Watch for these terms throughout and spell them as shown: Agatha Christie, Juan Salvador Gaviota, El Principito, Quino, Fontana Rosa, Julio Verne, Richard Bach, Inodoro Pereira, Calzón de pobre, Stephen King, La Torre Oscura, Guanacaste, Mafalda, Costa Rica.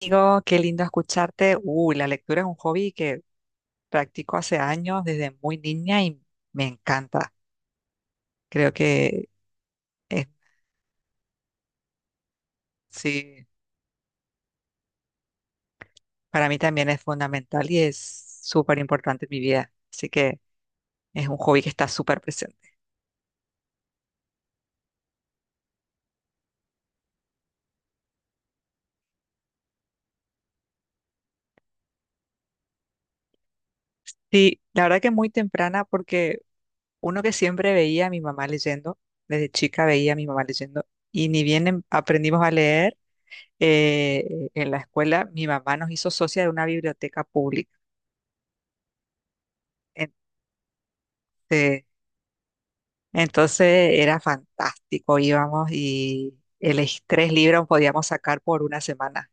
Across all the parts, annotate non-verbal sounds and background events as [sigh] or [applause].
Digo, qué lindo escucharte. Uy, la lectura es un hobby que practico hace años, desde muy niña, y me encanta. Creo que es, sí, para mí también es fundamental y es súper importante en mi vida. Así que es un hobby que está súper presente. Sí, la verdad que muy temprana, porque uno que siempre veía a mi mamá leyendo, desde chica veía a mi mamá leyendo, y ni bien aprendimos a leer en la escuela, mi mamá nos hizo socia de una biblioteca pública. Este, Entonces era fantástico, íbamos y tres libros podíamos sacar por una semana.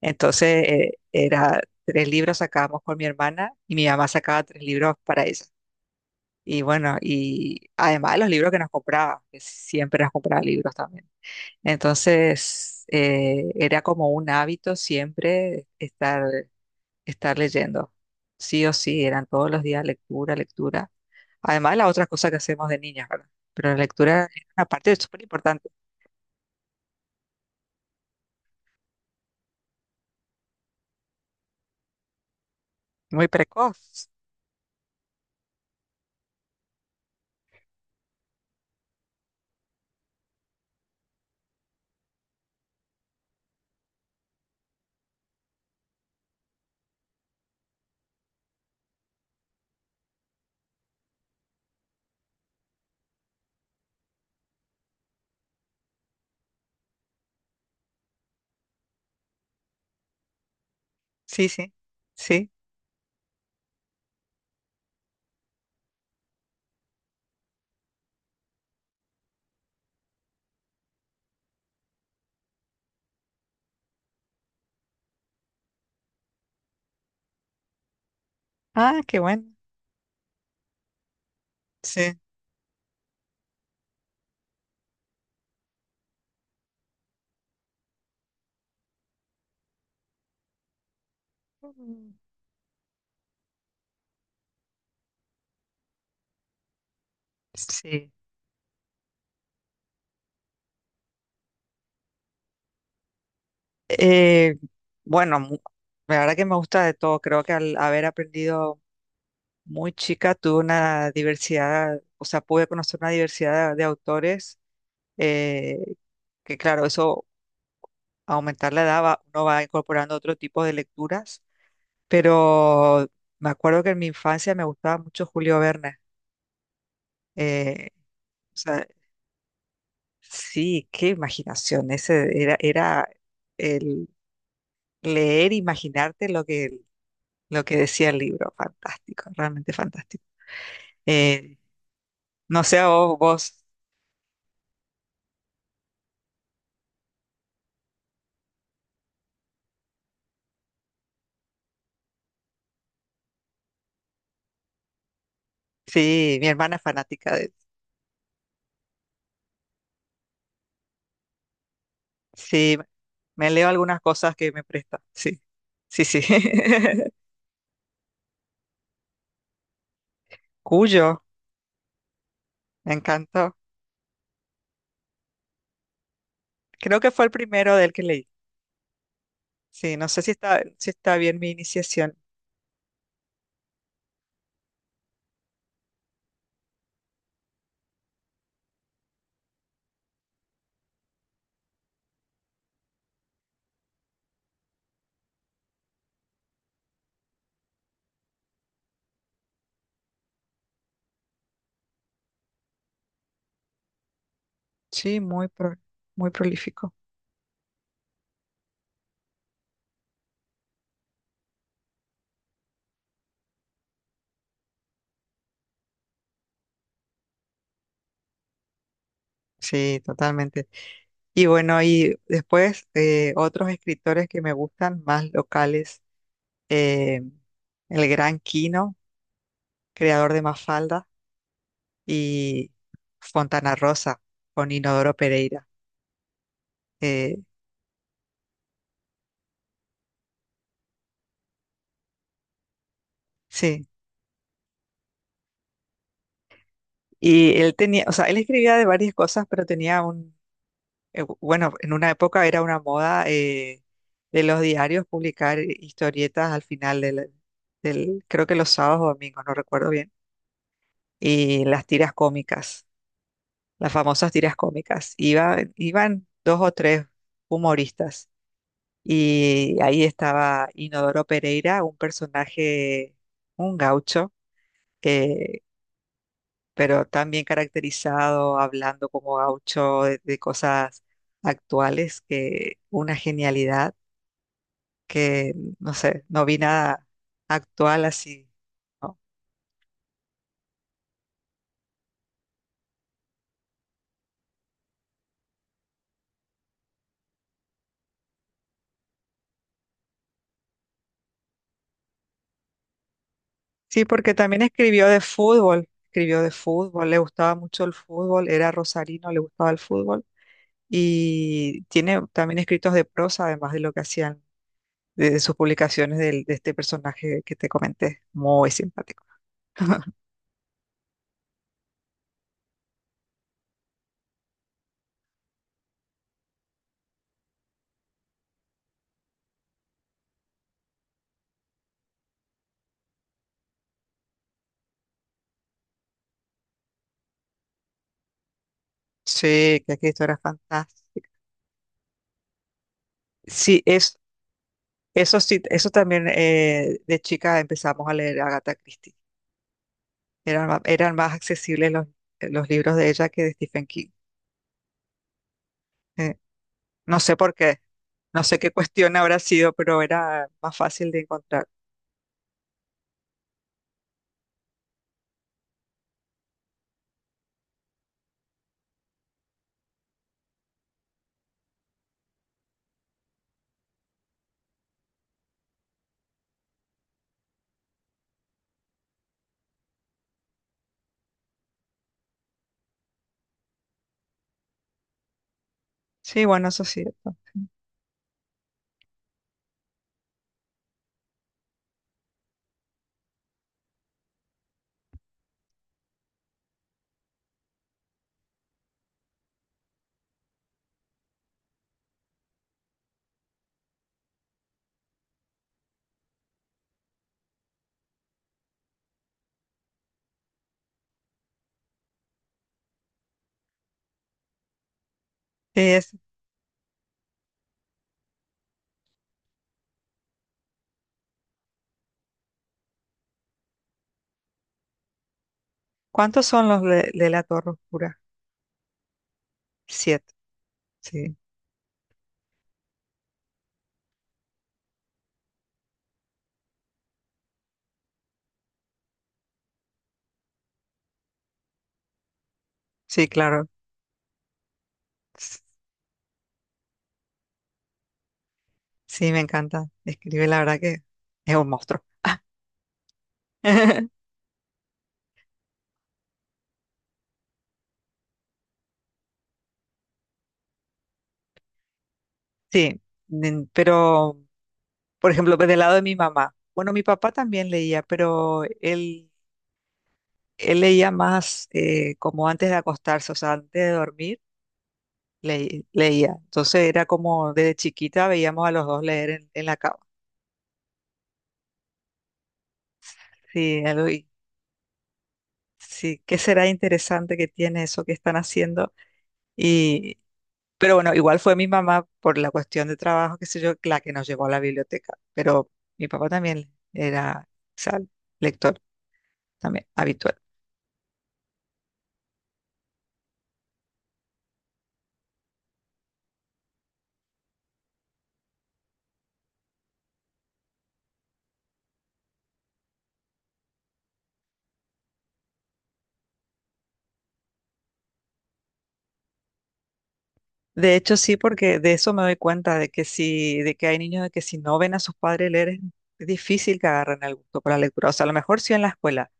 Entonces era tres libros sacábamos por mi hermana y mi mamá sacaba tres libros para ella. Y bueno, y además de los libros que nos compraba, que siempre nos compraba libros también. Entonces era como un hábito siempre estar leyendo. Sí o sí, eran todos los días lectura, lectura. Además, las otras cosas que hacemos de niñas, ¿verdad? Pero la lectura es una parte súper importante, muy precoz. Sí, sí, sí. Ah, qué bueno. Sí. Mm. Sí. Eh, bueno, la verdad que me gusta de todo. Creo que al haber aprendido muy chica, tuve una diversidad, o sea, pude conocer una diversidad de autores, eh, que claro, eso aumentar la edad, uno va incorporando otro tipo de lecturas, pero me acuerdo que en mi infancia me gustaba mucho Julio Verne. eh, o sea, sí, qué imaginación, era el leer, imaginarte lo que decía el libro, fantástico, realmente fantástico. Eh, no sé, a vos, sí, mi hermana es fanática de... Sí, me leo algunas cosas que me presta, sí, sí, sí. [laughs] Cuyo, me encantó. Creo que fue el primero del que leí. Sí, no sé si está, si está bien mi iniciación. Sí, muy prolífico. Sí, totalmente. Y bueno, y después otros escritores que me gustan, más locales, eh, el gran Quino, creador de Mafalda, y Fontana Rosa, con Inodoro Pereira. Eh, sí, y él tenía, o sea, él escribía de varias cosas, pero tenía un bueno, en una época era una moda de los diarios publicar historietas al final del, creo que los sábados o domingos, no recuerdo bien, y las tiras cómicas, las famosas tiras cómicas. Iban dos o tres humoristas y ahí estaba Inodoro Pereira, un personaje, un gaucho, eh, pero también caracterizado, hablando como gaucho de cosas actuales, que una genialidad. Que, no sé, no vi nada actual así. ¿No? Sí, porque también escribió de fútbol, le gustaba mucho el fútbol, era rosarino, le gustaba el fútbol y tiene también escritos de prosa, además de lo que hacían de sus publicaciones de, este personaje que te comenté, muy simpático. [laughs] Sí, que esto era fantástico. Sí, es, Eso sí, eso también de chica empezamos a leer a Agatha Christie. Eran más accesibles los libros de ella que de Stephen King. Eh, no sé por qué, no sé qué cuestión habrá sido, pero era más fácil de encontrar. Sí, bueno, eso es cierto. Es, ¿cuántos son los de La Torre Oscura? Siete. Sí, sí, claro. S- Sí, me encanta. Escribe, la verdad que es un monstruo. [laughs] Sí, pero, por ejemplo, del lado de mi mamá. Bueno, mi papá también leía, pero él él leía más como antes de acostarse, o sea, antes de dormir, leía. Entonces era como desde chiquita veíamos a los dos leer en la cama. Sí, algo y- sí, ¿qué será interesante que tiene eso que están haciendo? Y, pero bueno, igual fue mi mamá por la cuestión de trabajo, qué sé yo, la que nos llevó a la biblioteca. Pero mi papá también era, o sea, lector también habitual. De hecho, sí, porque de eso me doy cuenta, de que si, de que hay niños de que si no ven a sus padres leer, es difícil que agarren el gusto por la lectura. O sea, a lo mejor sí en la escuela,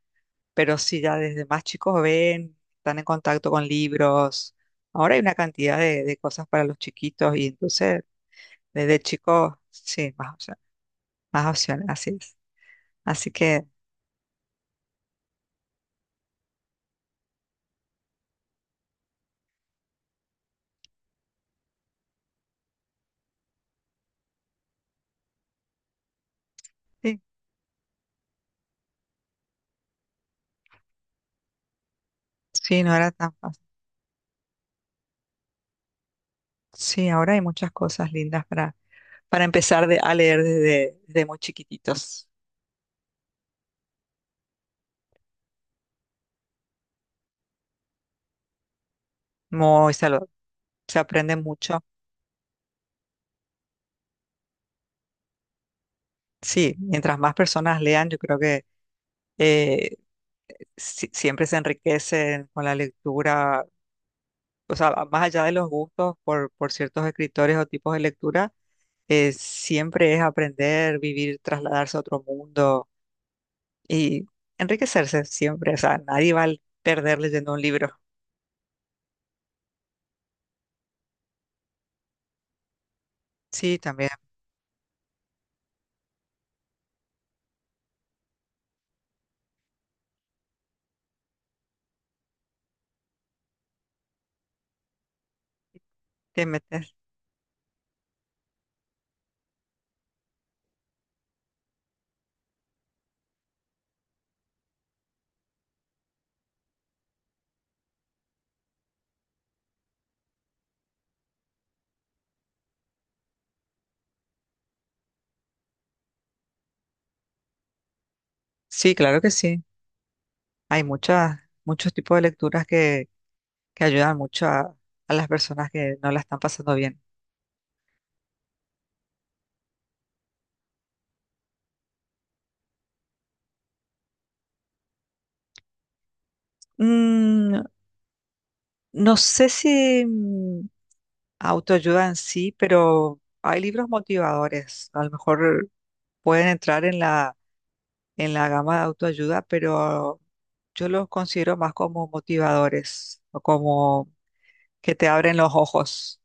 pero si ya desde más chicos ven, están en contacto con libros. Ahora hay una cantidad de cosas para los chiquitos y entonces desde chicos, sí, más opciones, así es. Así que sí, sí, no era tan fácil. Sí, ahora hay muchas cosas lindas para empezar a leer desde, desde muy chiquititos. Muy saludable. Se aprende mucho. Sí, mientras más personas lean, yo creo que eh, siempre se enriquecen con la lectura, o sea, más allá de los gustos por ciertos escritores o tipos de lectura, siempre es aprender, vivir, trasladarse a otro mundo y enriquecerse siempre. O sea, nadie va a perder leyendo un libro. Sí, también te metes. Sí, claro que sí. Hay muchas, muchos tipos de lecturas que ayudan mucho a las personas que no la están pasando bien. Mm, no sé si autoayuda en sí, pero hay libros motivadores. A lo mejor pueden entrar en la gama de autoayuda, pero yo los considero más como motivadores o como que te abren los ojos.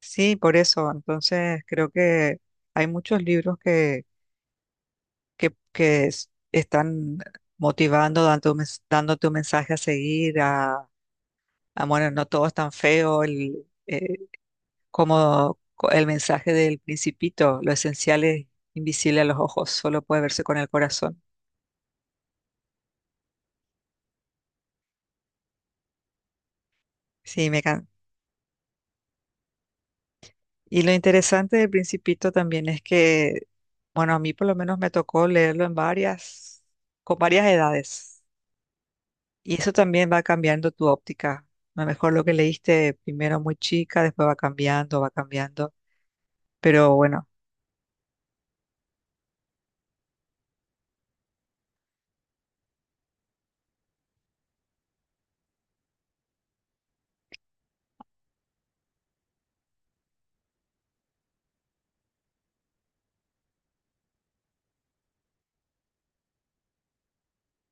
Sí, por eso. Entonces creo que hay muchos libros que están motivando, dando, dándote un mensaje a seguir, a, bueno, no todo es tan feo. Como el mensaje del Principito, lo esencial es invisible a los ojos, solo puede verse con el corazón. Sí, me can- Y lo interesante del Principito también es que, bueno, a mí por lo menos me tocó leerlo con varias edades. Y eso también va cambiando tu óptica. A lo mejor lo que leíste primero muy chica, después va cambiando, va cambiando. Pero bueno.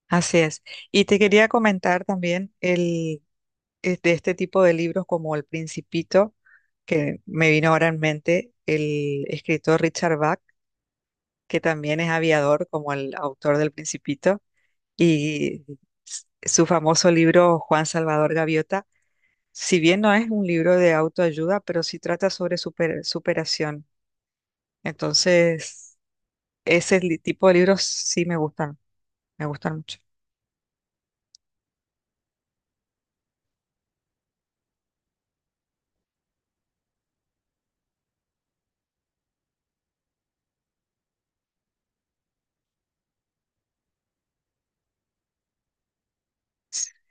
Así es. Y te quería comentar también el, es de este tipo de libros como El Principito, que me vino ahora en mente, el escritor Richard Bach, que también es aviador como el autor del Principito, y su famoso libro Juan Salvador Gaviota, si bien no es un libro de autoayuda, pero sí trata sobre superación. Entonces, ese tipo de libros sí me gustan mucho.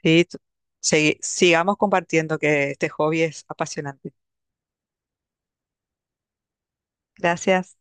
Sí, sigamos compartiendo que este hobby es apasionante. Gracias.